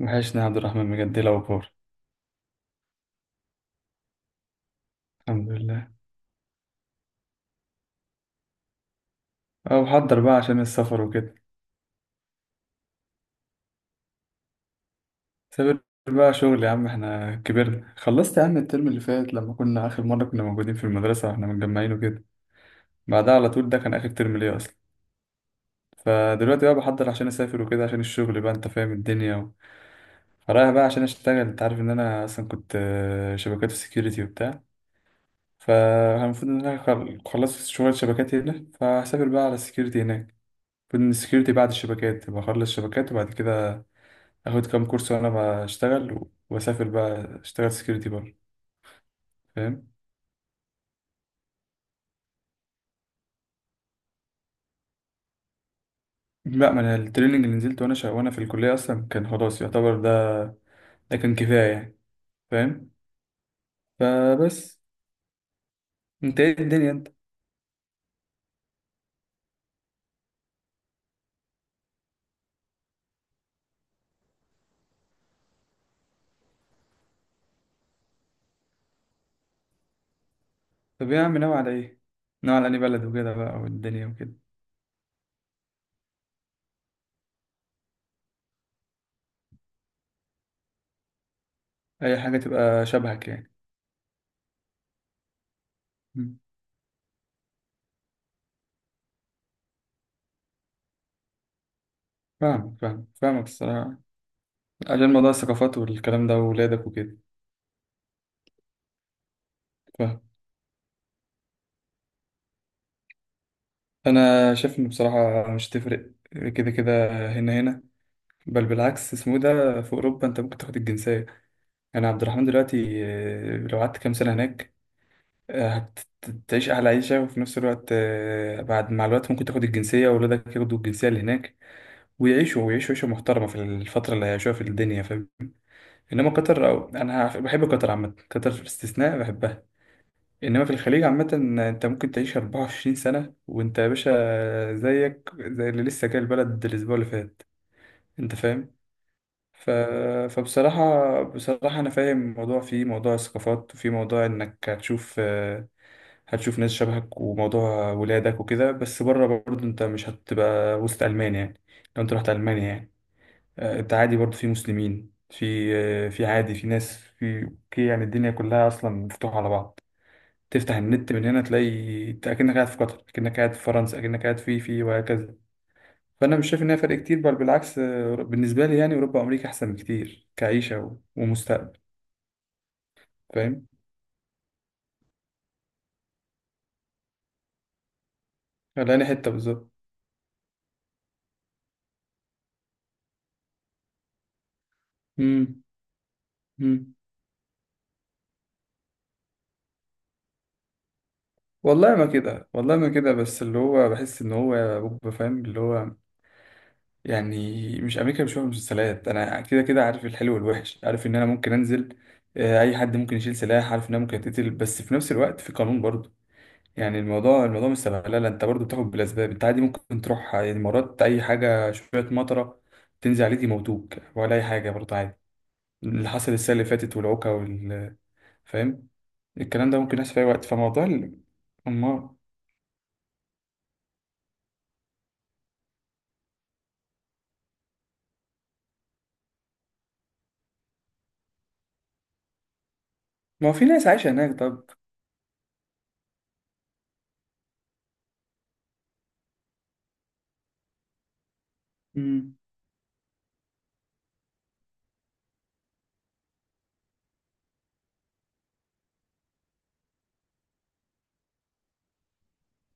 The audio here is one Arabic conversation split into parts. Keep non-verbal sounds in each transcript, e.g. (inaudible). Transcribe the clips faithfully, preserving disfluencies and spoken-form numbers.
وحشني يا عبد الرحمن، بجد لو كور. الحمد لله. أه، بحضر بقى عشان السفر وكده. سافر بقى شغل يا عم، احنا كبرنا. خلصت يا عم الترم اللي فات لما كنا آخر مرة كنا موجودين في المدرسة واحنا متجمعين وكده. بعدها على طول ده كان آخر ترم ليا أصلا. فدلوقتي بقى بحضر عشان أسافر وكده، عشان الشغل بقى، أنت فاهم الدنيا و... فرايح بقى عشان أشتغل. أنت عارف إن أنا أصلا كنت آه، شبكات وسكيورتي وبتاع. فالمفروض إن أنا خل- خلصت شغل الشبكات هنا، فهسافر بقى على السكيورتي هناك. المفروض إن السكيورتي بعد الشبكات، بخلص شبكات وبعد كده اخد كام كورس وانا بشتغل و- واسافر بقى اشتغل سكيورتي بره. فاهم. لا، ما انا التريننج اللي نزلته وانا شا... وانا في الكليه اصلا كان خلاص يعتبر ده. ده كان كفايه يعني. فاهم. فبس. انت ايه الدنيا انت؟ طب ايه يا عم، ناوي على ايه؟ ناوي على انهي بلد وكده بقى والدنيا وكده. اي حاجه تبقى شبهك يعني. مم. فاهمك فاهم فاهمك الصراحه. عشان موضوع الثقافات والكلام ده وولادك وكده. فاهم. انا شايف ان بصراحه مش تفرق. كده كده. هنا هنا. بل بالعكس، اسمه إيه ده، في اوروبا انت ممكن تاخد الجنسيه. يعني عبد الرحمن دلوقتي، آه، لو قعدت كام سنه هناك، آه، هتعيش احلى عيشه، وفي نفس الوقت آه، بعد مع الوقت ممكن تاخد الجنسيه واولادك ياخدوا الجنسيه اللي هناك، ويعيشوا ويعيشوا عيشه محترمه في الفتره اللي هيعيشوها في الدنيا. فاهم. انما قطر، أو انا عارف- بحب قطر عامه، قطر استثناء بحبها. انما في الخليج عامه، انت ممكن تعيش أربعة وعشرين سنة سنه وانت يا باشا زيك زي اللي لسه جاي البلد الاسبوع اللي فات. انت فاهم؟ ف... فبصراحة بصراحة أنا فاهم موضوع، فيه موضوع الثقافات، وفي موضوع إنك هتشوف آه، هتشوف ناس شبهك، وموضوع ولادك وكده. بس بره برضه أنت مش هتبقى وسط ألمانيا، يعني لو أنت رحت ألمانيا يعني. آه، أنت عادي برضه في مسلمين في، آه، في عادي، في ناس، في أوكي. يعني الدنيا كلها أصلا مفتوحة على بعض. تفتح النت من هنا تلاقي أنت أكنك قاعد في قطر، أكنك قاعد في فرنسا، أكنك قاعد في في وهكذا. فانا مش شايف ان هي فرق كتير، بل بالعكس، آه، بالنسبه لي يعني اوروبا وامريكا احسن بكتير كعيشه و- ومستقبل. فاهم. خلاني حته بالظبط. امم امم والله ما كده، والله ما كده، بس اللي هو بحس ان هو يا بوب، فاهم اللي هو، يعني مش امريكا مش مسلسلات. انا كده كده عارف الحلو والوحش، عارف ان انا ممكن انزل. آه، اي حد ممكن يشيل سلاح، عارف ان انا ممكن اتقتل، بس في نفس الوقت في قانون برضه. يعني الموضوع الموضوع مش سبهلله، انت برضو بتاخد بالاسباب، انت عادي ممكن تروح، يعني مرات اي حاجه شويه مطره تنزل عليك يموتوك ولا اي حاجه برضو عادي. اللي حصل السنه اللي فاتت والعوكه وال. فاهم. الكلام ده ممكن يحصل في اي وقت، فموضوع ال- ما ما هو في ناس عايشه هناك، طب. امم.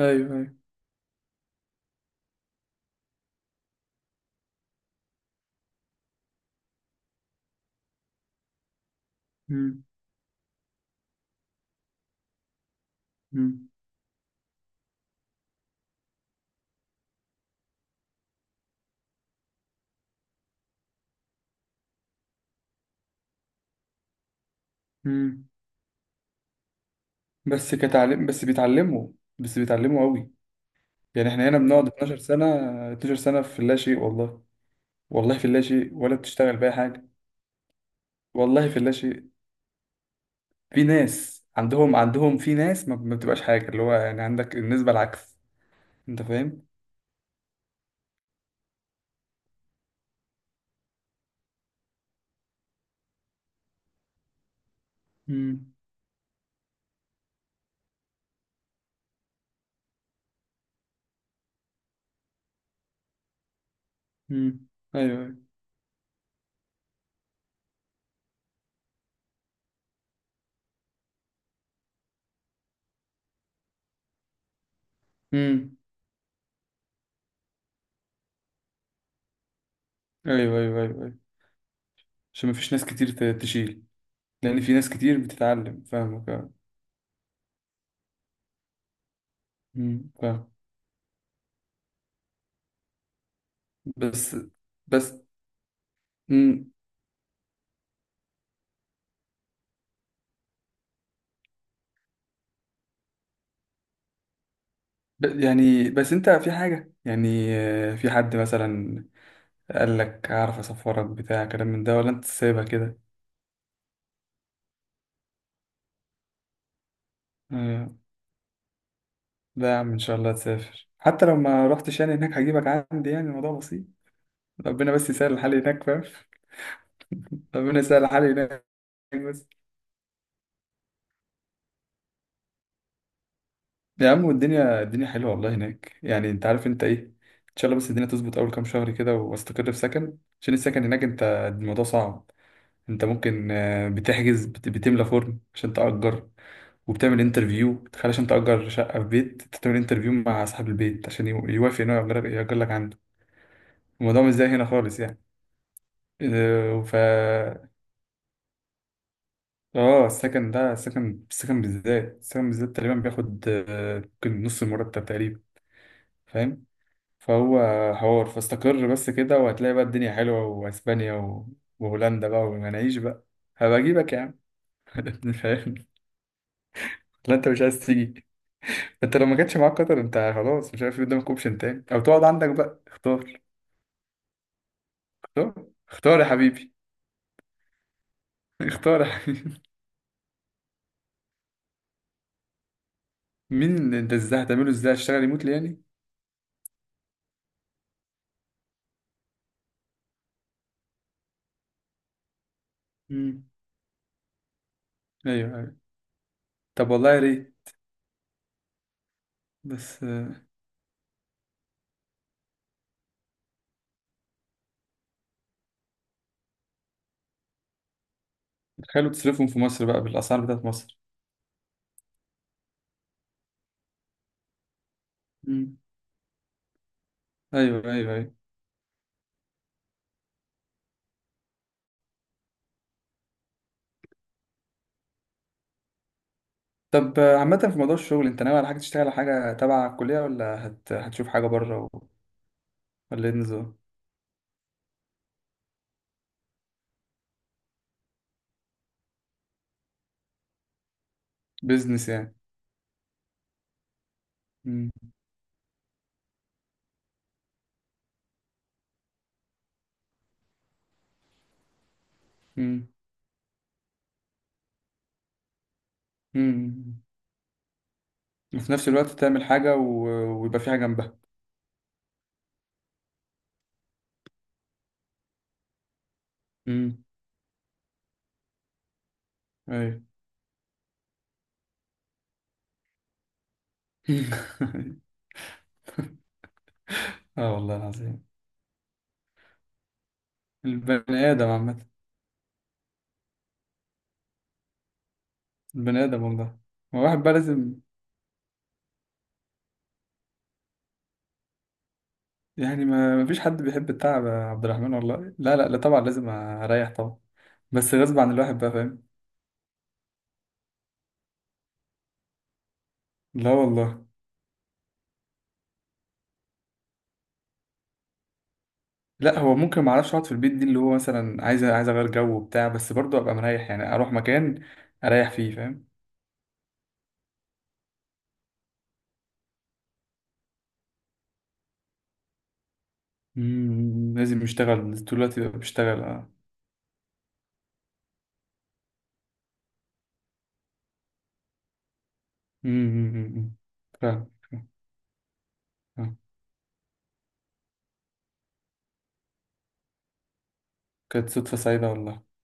ايوه ايوه. امم. امم. امم. بس كتعليم، بس بيتعلموا، بس بيتعلموا قوي. يعني احنا هنا بنقعد اثناشر سنة سنه، اثناشر سنة سنه في اللا شيء والله. والله في اللا شيء، ولا بتشتغل باي حاجه. والله في اللاشيء. في ناس عندهم عندهم، في ناس ما ما بتبقاش حاجة، اللي هو يعني عندك النسبة العكس. انت فاهم؟ امم. امم. ايوه ايوه. امم. ايوه ايوه ايوه ايوه أيوة. عشان ما فيش ناس كتير ت- تشيل. لان في ناس كتير بتتعلم. فاهمك. اه. امم. فاهم. بس. بس. امم. ب- يعني بس انت في حاجه يعني، آه، في حد مثلا قال لك هعرف اسفرك بتاع كلام من ده، ولا انت سايبها كده؟ ايوه. لا يا عم، ان شاء الله تسافر. حتى لو ما رحتش يعني هناك هجيبك عندي، يعني الموضوع بسيط. ربنا بس يسهل الحال هناك، فاهم. (laughs) ربنا يسهل الحال هناك. بس. يا عم والدنيا الدنيا حلوه والله هناك، يعني انت عارف انت ايه. ان شاء الله بس الدنيا تظبط اول كام شهر كده، واستقر في سكن، عشان السكن هناك انت الموضوع صعب. انت ممكن آه، بتحجز، بت- بتملى فورم عشان تأجر، وبتعمل انترفيو، تخيل، عشان تأجر شقة في بيت، انت تعمل انترفيو مع صاحب البيت عشان يو- يوافق انه يأجر يأجر لك عنده. الموضوع مش زي هنا خالص يعني. ف اه، السكن ده، السكن السكن بالذات السكن بالذات تقريبا بياخد، آه، ممكن نص المرتب تقريبا. فاهم. فهو حوار، فاستقر بس كده وهتلاقي بقى الدنيا حلوة، واسبانيا و... وهولندا بقى، ومناعيش بقى. هبقى اجيبك يا عم. (laughs) فاهم. لا انت مش عايز تيجي. انت لو ما كانش معاك قطر، انت خلاص مش عارف إيه قدامك اوبشن تاني، او تقعد عندك بقى اختار. اختار. اختار يا حبيبي. (laughs) اختار يا حبيبي. مين انت؟ ازاي هتعمله؟ ازاي هتشتغل ريموتلي يعني؟ مم. ايوه ايوه. طب والله يا ريت. بس. خلوا تصرفهم في مصر بقى بالاسعار بتاعت مصر. مم. ايوه ايوه ايوه. طب آه، عامة في موضوع الشغل، انت ناوي على حاجة تشتغل على حاجة تبع الكلية، ولا هت... هتشوف حاجة بره و... ولا ايه النظام؟ بيزنس يعني. مم. مم. مم. وفي نفس الوقت تعمل حاجة و... ويبقى في حاجة جنبها. مم. ايوه. (laughs) اه والله العظيم. البني آدم عامة. البني آدم والله. هو واحد بقى لازم يعني. ما ما فيش حد بيحب التعب يا عبد الرحمن والله. لا لا لا طبعا لازم اريح طبعا، بس غصب عن الواحد بقى، فاهم. لا والله. لا هو ممكن ما اعرفش اقعد في البيت، دي اللي هو مثلا عايز عايز اغير جو وبتاع، بس برضه ابقى مريح يعني اروح مكان اريح فيه، فاهم. مم، لازم اشتغل طول الوقت يبقى بشتغل، اه. مم، مم، مم، مم. فاهم. فاهم. آه. كانت صدفة سعيدة والله.